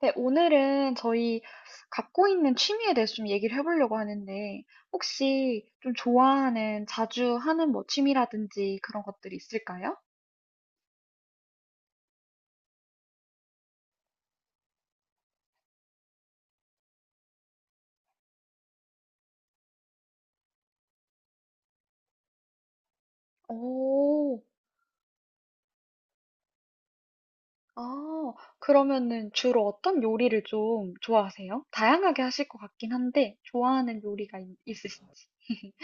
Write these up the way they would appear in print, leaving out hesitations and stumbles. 네, 오늘은 저희 갖고 있는 취미에 대해서 좀 얘기를 해보려고 하는데, 혹시 좀 좋아하는, 자주 하는 뭐 취미라든지 그런 것들이 있을까요? 오, 아, 그러면은 주로 어떤 요리를 좀 좋아하세요? 다양하게 하실 것 같긴 한데, 좋아하는 요리가 있으신지.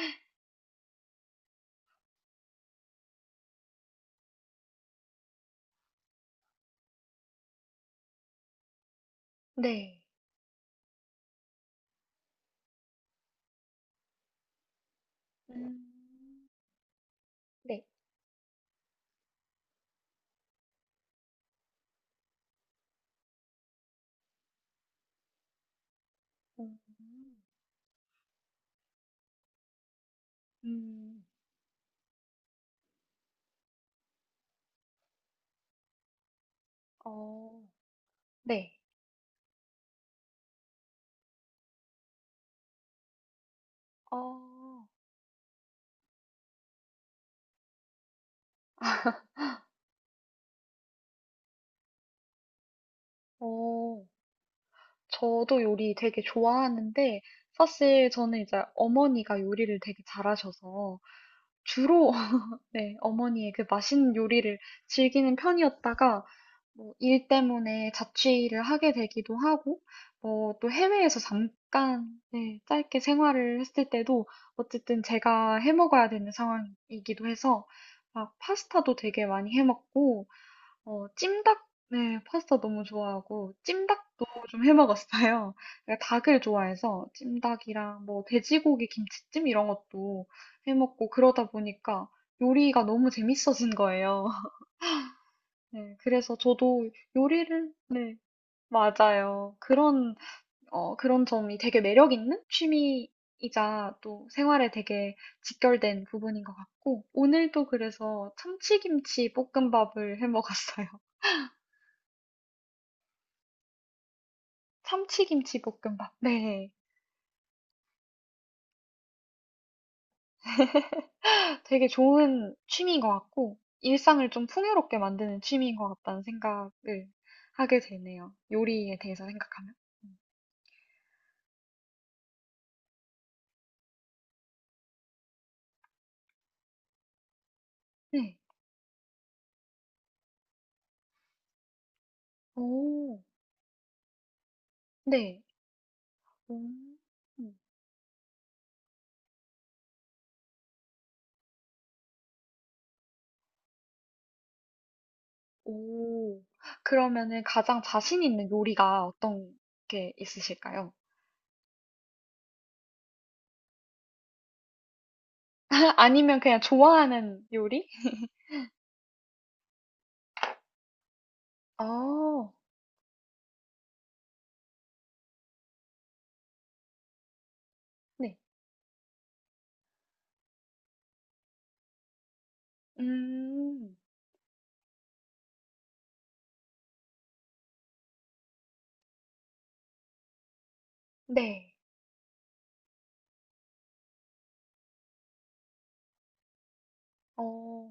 네. 음, 네. 음, 음, 어, 네. 어, 어. 저도 요리 되게 좋아하는데 사실 저는 이제 어머니가 요리를 되게 잘하셔서 주로 네, 어머니의 그 맛있는 요리를 즐기는 편이었다가 뭐 일 때문에 자취를 하게 되기도 하고 뭐 또 해외에서 잠깐 네, 짧게 생활을 했을 때도 어쨌든 제가 해 먹어야 되는 상황이기도 해서 막 파스타도 되게 많이 해 먹고 어, 찜닭, 네, 파스타 너무 좋아하고, 찜닭도 좀 해 먹었어요. 내가 닭을 좋아해서, 찜닭이랑 뭐, 돼지고기 김치찜 이런 것도 해 먹고, 그러다 보니까 요리가 너무 재밌어진 거예요. 네, 그래서 저도 요리를, 네, 맞아요. 그런, 어, 그런 점이 되게 매력 있는 취미이자 또 생활에 되게 직결된 부분인 것 같고, 오늘도 그래서 참치김치 볶음밥을 해 먹었어요. 참치김치볶음밥. 네. 되게 좋은 취미인 것 같고, 일상을 좀 풍요롭게 만드는 취미인 것 같다는 생각을 하게 되네요. 요리에 대해서 생각하면. 음. 네. 오, 네. 음. 오. 그러면은 가장 자신 있는 요리가 어떤 게 있으실까요? 아니면 그냥 좋아하는 요리? 어, 네. 음, 네. 어,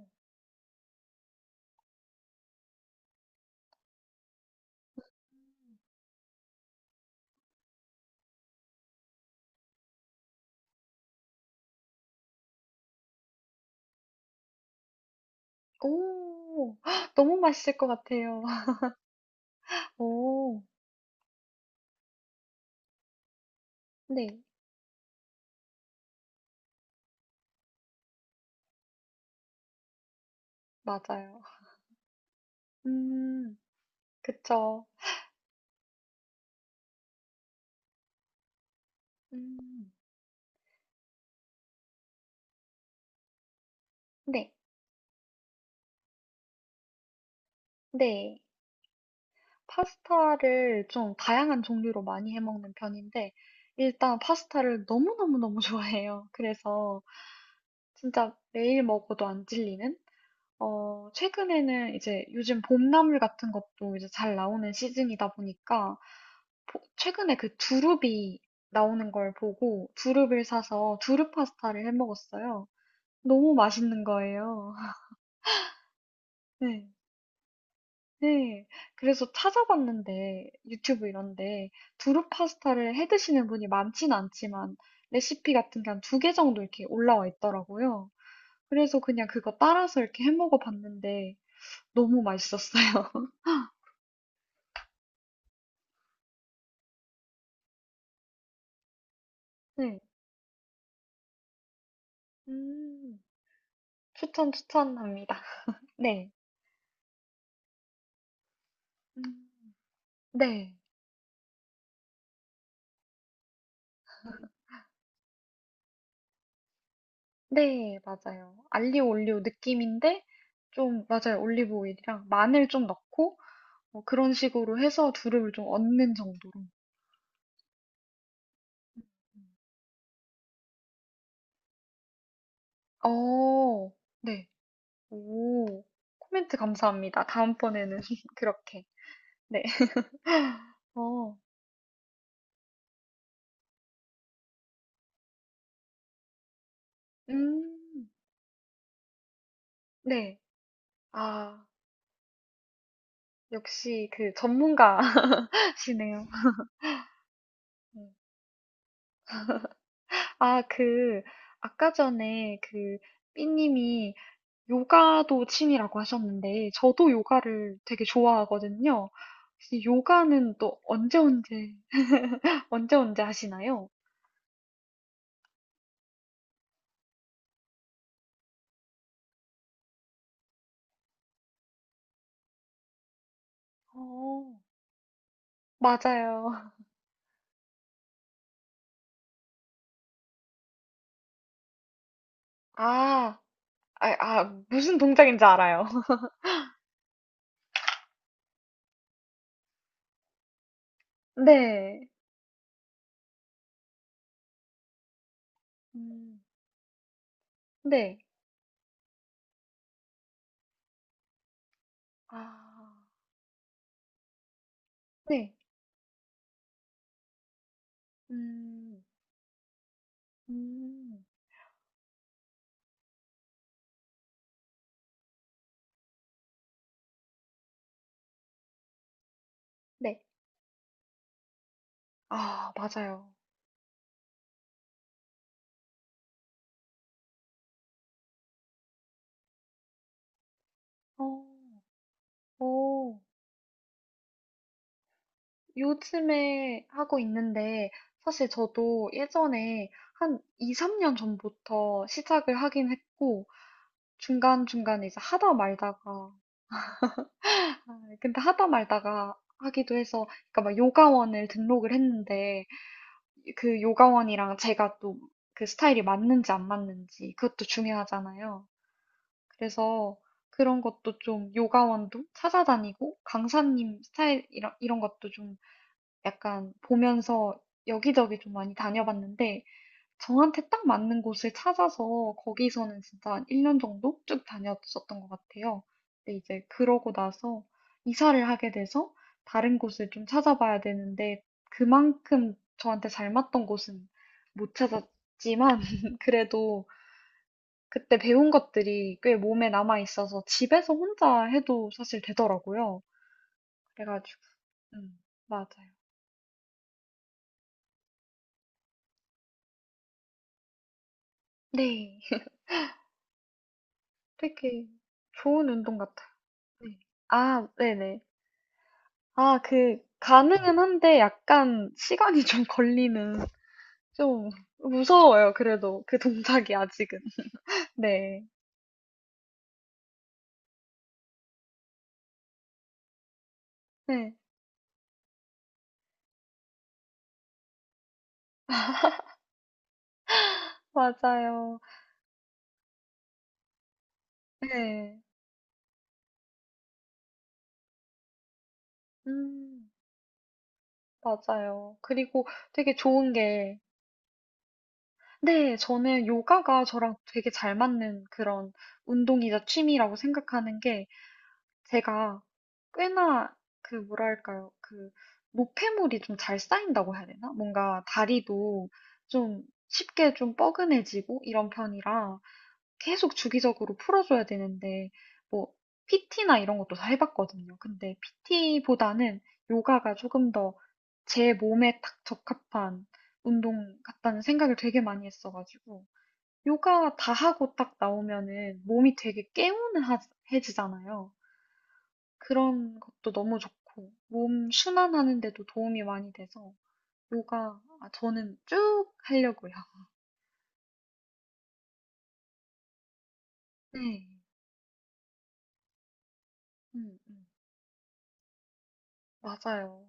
오, 너무 맛있을 것 같아요. 오, 네, 맞아요. 음, 그쵸. 음, 네, 네. 파스타를 좀 다양한 종류로 많이 해 먹는 편인데, 일단 파스타를 너무너무너무 좋아해요. 그래서 진짜 매일 먹어도 안 질리는? 어, 최근에는 이제 요즘 봄나물 같은 것도 이제 잘 나오는 시즌이다 보니까, 최근에 그 두릅이 나오는 걸 보고 두릅을 사서 두릅 파스타를 해 먹었어요. 너무 맛있는 거예요. 네. 네. 그래서 찾아봤는데 유튜브 이런 데 두릅 파스타를 해 드시는 분이 많진 않지만 레시피 같은 게 한 두개 정도 이렇게 올라와 있더라고요. 그래서 그냥 그거 따라서 이렇게 해 먹어 봤는데 너무 맛있었어요. 네. 음. 추천합니다. 네. 음. 네. 네. 맞아요. 알리오 올리오 느낌인데 좀 맞아요. 올리브 오일이랑 마늘 좀 넣고 어, 그런 식으로 해서 두려움을 좀 얻는 정도로. 어, 네. 오, 코멘트 감사합니다. 다음번에는 그렇게. 네. 어, 음, 네. 아, 역시 그 전문가시네요. 음. 아, 그, 아까 전에 그, 삐님이 요가도 취미라고 하셨는데, 저도 요가를 되게 좋아하거든요. 혹시 요가는 또 언제 언제, 언제 언제 하시나요? 어. 맞아요. 아, 아, 무슨 동작인지 알아요. 네. 음, 네. 아, 네. 음, 음, 네. 아, 맞아요. 어, 오, 요즘에 하고 있는데, 사실 저도 예전에 한 2, 3년 전부터 시작을 하긴 했고, 중간중간에 이제 하다 말다가, 아, 근데 하다 말다가 하기도 해서, 그러니까 막 요가원을 등록을 했는데, 그 요가원이랑 제가 또 그 스타일이 맞는지 안 맞는지 그것도 중요하잖아요. 그래서 그런 것도 좀 요가원도 찾아다니고 강사님 스타일 이런 것도 좀 약간 보면서 여기저기 좀 많이 다녀봤는데 저한테 딱 맞는 곳을 찾아서 거기서는 진짜 한 1년 정도 쭉 다녔었던 것 같아요. 근데 이제 그러고 나서 이사를 하게 돼서 다른 곳을 좀 찾아봐야 되는데 그만큼 저한테 잘 맞던 곳은 못 찾았지만 그래도 그때 배운 것들이 꽤 몸에 남아 있어서 집에서 혼자 해도 사실 되더라고요. 그래가지고, 음, 맞아요. 네. 되게 좋은 운동 같아요. 네. 아, 네네. 아, 그, 가능은 한데 약간 시간이 좀 걸리는, 좀 무서워요, 그래도. 그 동작이 아직은. 네. 네, 맞아요. 네. 음, 맞아요. 그리고 되게 좋은 게, 네, 저는 요가가 저랑 되게 잘 맞는 그런 운동이자 취미라고 생각하는 게, 제가 꽤나 그 뭐랄까요 그 노폐물이 좀 잘 쌓인다고 해야 되나? 뭔가 다리도 좀 쉽게 좀 뻐근해지고 이런 편이라 계속 주기적으로 풀어줘야 되는데 뭐 PT나 이런 것도 다 해봤거든요. 근데 PT보다는 요가가 조금 더 제 몸에 딱 적합한 운동 같다는 생각을 되게 많이 했어가지고 요가 다 하고 딱 나오면은 몸이 되게 개운해지잖아요. 그런 것도 너무 좋고 몸 순환하는 데도 도움이 많이 돼서 요가 아, 저는 쭉 하려고요. 네. 음, 음. 맞아요.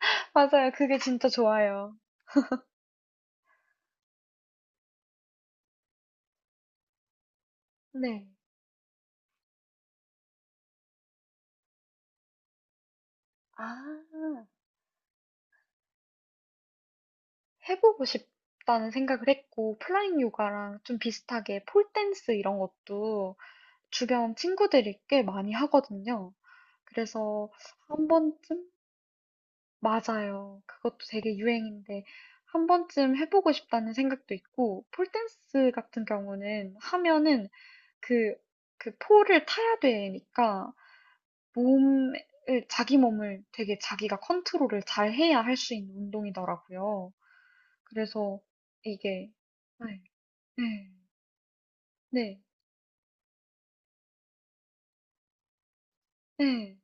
맞아요. 그게 진짜 좋아요. 네. 아, 해보고 싶다는 생각을 했고, 플라잉 요가랑 좀 비슷하게 폴댄스 이런 것도 주변 친구들이 꽤 많이 하거든요. 그래서 한 번쯤 맞아요. 그것도 되게 유행인데 한 번쯤 해보고 싶다는 생각도 있고 폴댄스 같은 경우는 하면은 그, 그 폴을 타야 되니까 몸을 자기 몸을 되게 자기가 컨트롤을 잘 해야 할 수 있는 운동이더라고요. 그래서 이게 네, 네, 네, 네.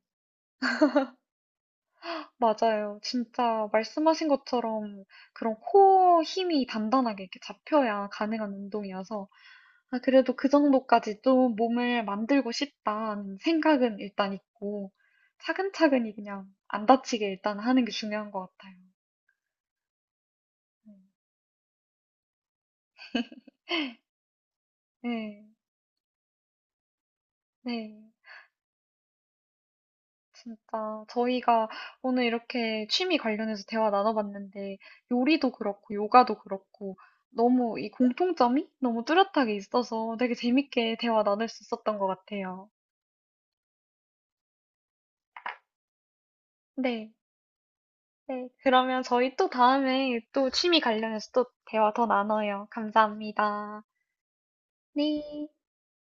맞아요. 진짜 말씀하신 것처럼 그런 코어 힘이 단단하게 이렇게 잡혀야 가능한 운동이어서 아, 그래도 그 정도까지 좀 몸을 만들고 싶다는 생각은 일단 있고 차근차근히 그냥 안 다치게 일단 하는 게 중요한 것 같아요. 음. 네, 네. 진짜 저희가 오늘 이렇게 취미 관련해서 대화 나눠봤는데 요리도 그렇고 요가도 그렇고 너무 이 공통점이 너무 뚜렷하게 있어서 되게 재밌게 대화 나눌 수 있었던 것 같아요. 네. 네. 그러면 저희 또 다음에 또 취미 관련해서 또 대화 더 나눠요. 감사합니다. 네.